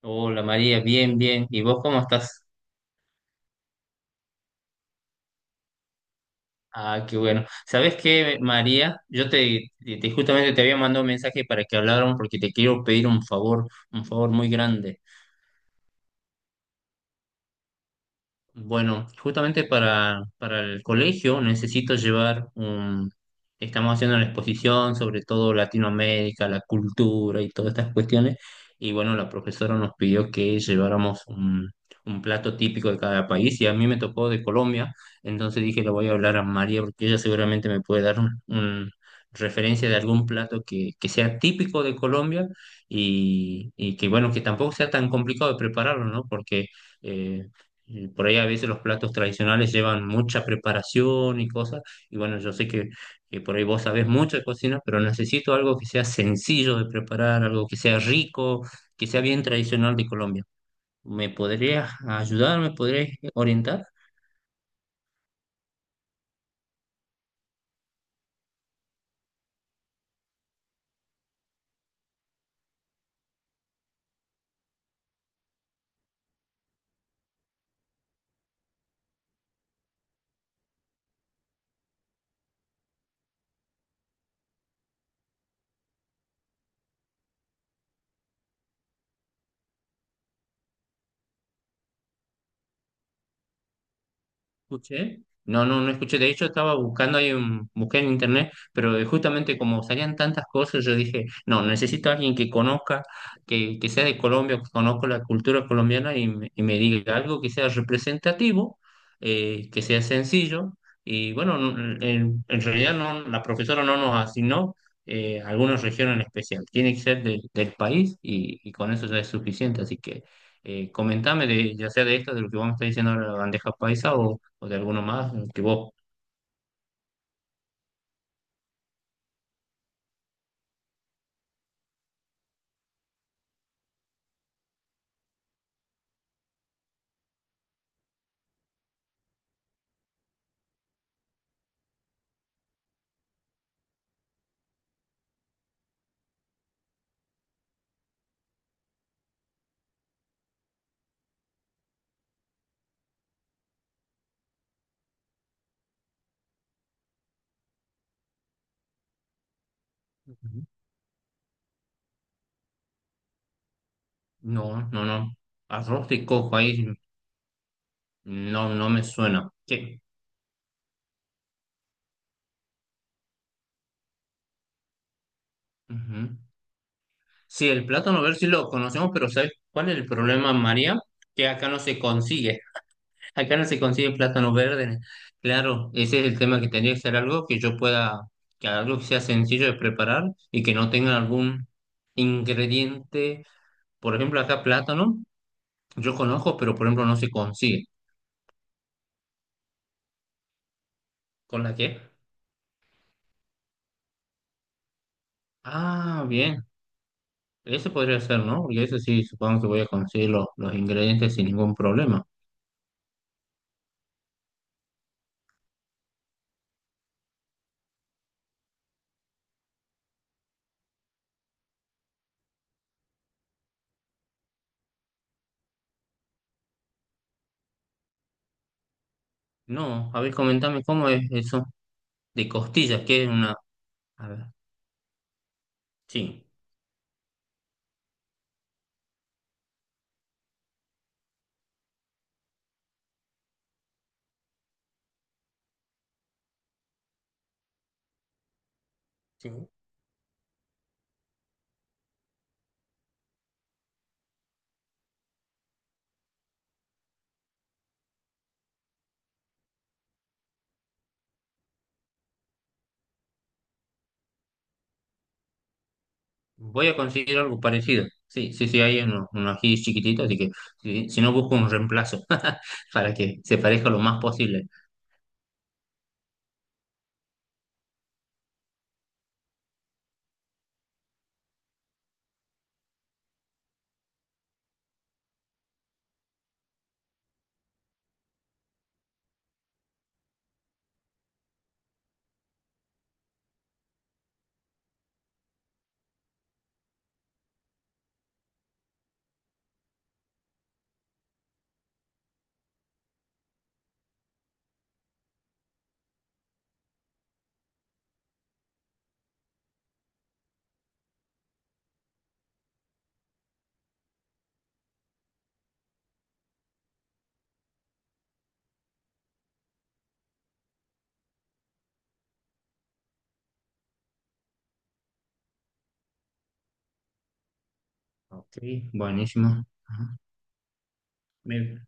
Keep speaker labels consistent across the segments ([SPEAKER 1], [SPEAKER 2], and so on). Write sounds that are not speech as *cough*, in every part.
[SPEAKER 1] Hola María, bien, bien. ¿Y vos cómo estás? Ah, qué bueno. ¿Sabés qué, María? Justamente te había mandado un mensaje para que habláramos porque te quiero pedir un favor muy grande. Bueno, justamente para el colegio necesito llevar un... Estamos haciendo una exposición sobre todo Latinoamérica, la cultura y todas estas cuestiones. Y bueno, la profesora nos pidió que lleváramos un plato típico de cada país y a mí me tocó de Colombia. Entonces dije, le voy a hablar a María porque ella seguramente me puede dar referencia de algún plato que sea típico de Colombia y que bueno, que tampoco sea tan complicado de prepararlo, ¿no? Porque... eh, y por ahí a veces los platos tradicionales llevan mucha preparación y cosas. Y bueno, yo sé que por ahí vos sabés mucho de cocina, pero necesito algo que sea sencillo de preparar, algo que sea rico, que sea bien tradicional de Colombia. ¿Me podrías ayudar? ¿Me podrías orientar? Escuché. No, no, no escuché. De hecho, estaba buscando ahí, busqué en internet, pero justamente como salían tantas cosas, yo dije, no, necesito a alguien que conozca, que sea de Colombia, que conozca la cultura colombiana y, me diga algo que sea representativo, que sea sencillo. Y bueno, en realidad no, la profesora no nos asignó alguna región en especial. Tiene que ser del país y con eso ya es suficiente. Así que comentame de, ya sea de esto, de lo que vamos a estar diciendo ahora, la bandeja paisa o de alguno más que vos. No, no, no. Arroz de coco ahí no, no me suena. Qué. Ujú. Sí, el plátano verde sí lo conocemos, pero ¿sabes cuál es el problema, María? Que acá no se consigue. Acá no se consigue plátano verde. Claro, ese es el tema que tendría que ser algo que yo pueda, que algo que sea sencillo de preparar y que no tenga algún ingrediente. Por ejemplo, acá plátano, yo conozco, pero por ejemplo no se consigue. ¿Con la qué? Ah, bien. Ese podría ser, ¿no? Porque ese sí, supongo que voy a conseguir los ingredientes sin ningún problema. No, a ver, comentame cómo es eso de costillas, que es una... A ver, sí, sí. Voy a conseguir algo parecido. Sí, sí, sí, hay uno, uno ají chiquitito, así que si, si no busco un reemplazo *laughs* para que se parezca lo más posible. Ok, buenísimo. Ajá. Me-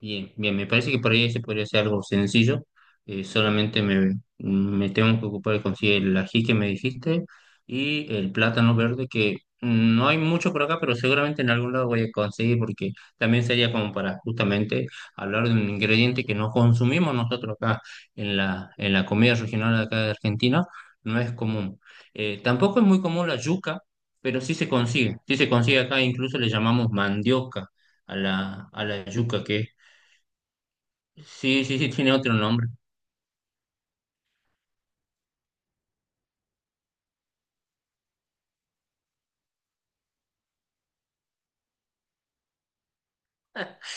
[SPEAKER 1] Bien, bien, me parece que por ahí ese podría ser algo sencillo. Solamente me tengo que ocupar de conseguir el ají que me dijiste y el plátano verde, que no hay mucho por acá, pero seguramente en algún lado voy a conseguir, porque también sería como para justamente hablar de un ingrediente que no consumimos nosotros acá en en la comida regional de acá de Argentina, no es común. Tampoco es muy común la yuca, pero sí se consigue acá, incluso le llamamos mandioca a a la yuca, que es... Sí, sí, sí, tiene otro nombre.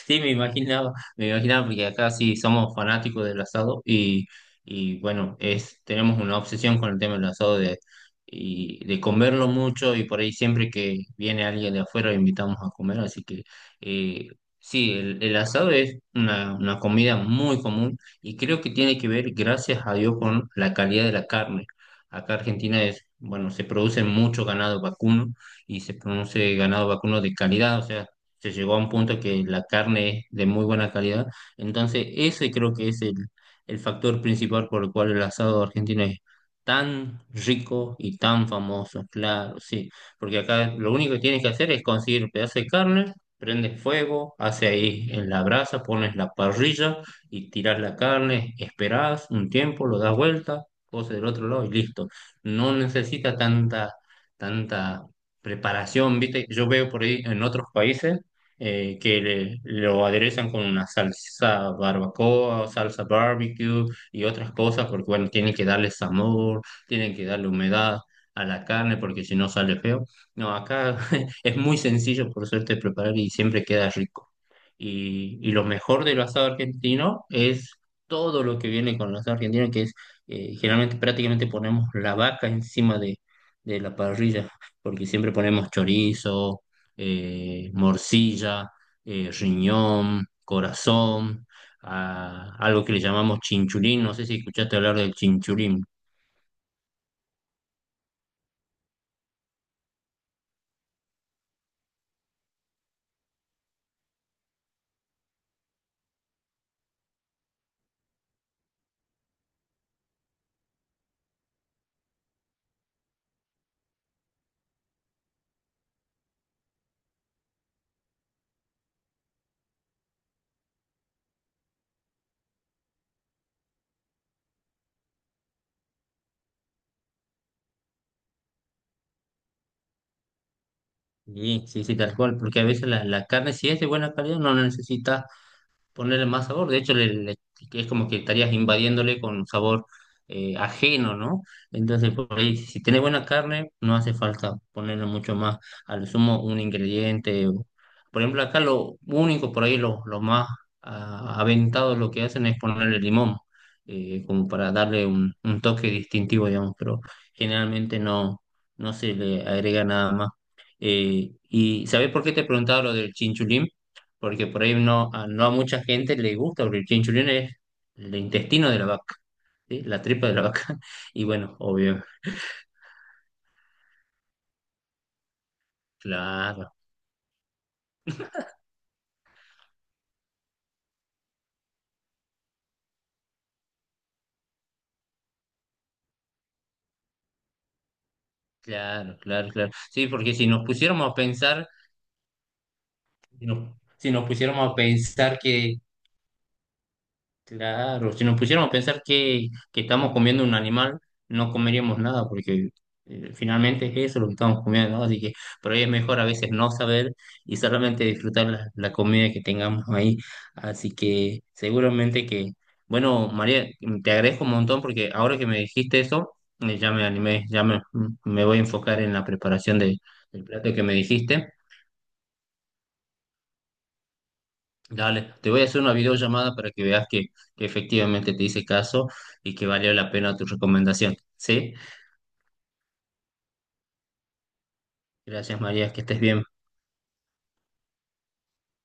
[SPEAKER 1] Sí, me imaginaba porque acá sí somos fanáticos del asado y bueno, es, tenemos una obsesión con el tema del asado de, y, de comerlo mucho y por ahí siempre que viene alguien de afuera lo invitamos a comer, así que eh, sí, el asado es una comida muy común y creo que tiene que ver, gracias a Dios, con la calidad de la carne. Acá Argentina es, bueno, se produce mucho ganado vacuno y se produce ganado vacuno de calidad, o sea, se llegó a un punto que la carne es de muy buena calidad. Entonces, ese creo que es el factor principal por el cual el asado argentino es tan rico y tan famoso, claro, sí. Porque acá lo único que tienes que hacer es conseguir pedazo de carne, prendes fuego, hace ahí en la brasa, pones la parrilla y tiras la carne, esperás un tiempo, lo das vuelta, pose del otro lado y listo. No necesita tanta preparación, ¿viste? Yo veo por ahí en otros países lo aderezan con una salsa barbacoa, salsa barbecue y otras cosas, porque bueno, tienen que darle sabor, tienen que darle humedad a la carne, porque si no sale feo. No, acá *laughs* es muy sencillo, por suerte, preparar y siempre queda rico. Y lo mejor del asado argentino es todo lo que viene con el asado argentino, que es generalmente prácticamente ponemos la vaca encima de la parrilla, porque siempre ponemos chorizo, morcilla, riñón, corazón, algo que le llamamos chinchulín. No sé si escuchaste hablar del chinchulín. Sí, sí, sí, tal cual, porque a veces la carne, si es de buena calidad, no necesita ponerle más sabor. De hecho, es como que estarías invadiéndole con sabor ajeno, ¿no? Entonces, por ahí, si tenés buena carne, no hace falta ponerle mucho más, al sumo un ingrediente. O- Por ejemplo, acá lo único, por ahí lo más ah, aventado lo que hacen es ponerle limón, como para darle un toque distintivo, digamos, pero generalmente no, no se le agrega nada más. ¿Y sabés por qué te preguntaba lo del chinchulín? Porque por ahí no, a, no a mucha gente le gusta, porque el chinchulín es el intestino de la vaca, ¿sí? La tripa de la vaca. *laughs* Y bueno, obvio, claro, claro, claro, claro. Sí, porque si nos pusiéramos a pensar, si nos pusiéramos a pensar que... Claro, si nos pusiéramos a pensar que estamos comiendo un animal, no comeríamos nada, porque finalmente es eso lo que estamos comiendo, ¿no? Así que por ahí es mejor a veces no saber y solamente disfrutar la comida que tengamos ahí. Así que seguramente que, bueno, María, te agradezco un montón porque ahora que me dijiste eso, ya me animé, me voy a enfocar en la preparación de- del plato que me dijiste. Dale, te voy a hacer una videollamada para que veas que efectivamente te hice caso y que valió la pena tu recomendación. ¿Sí? Gracias, María, que estés bien.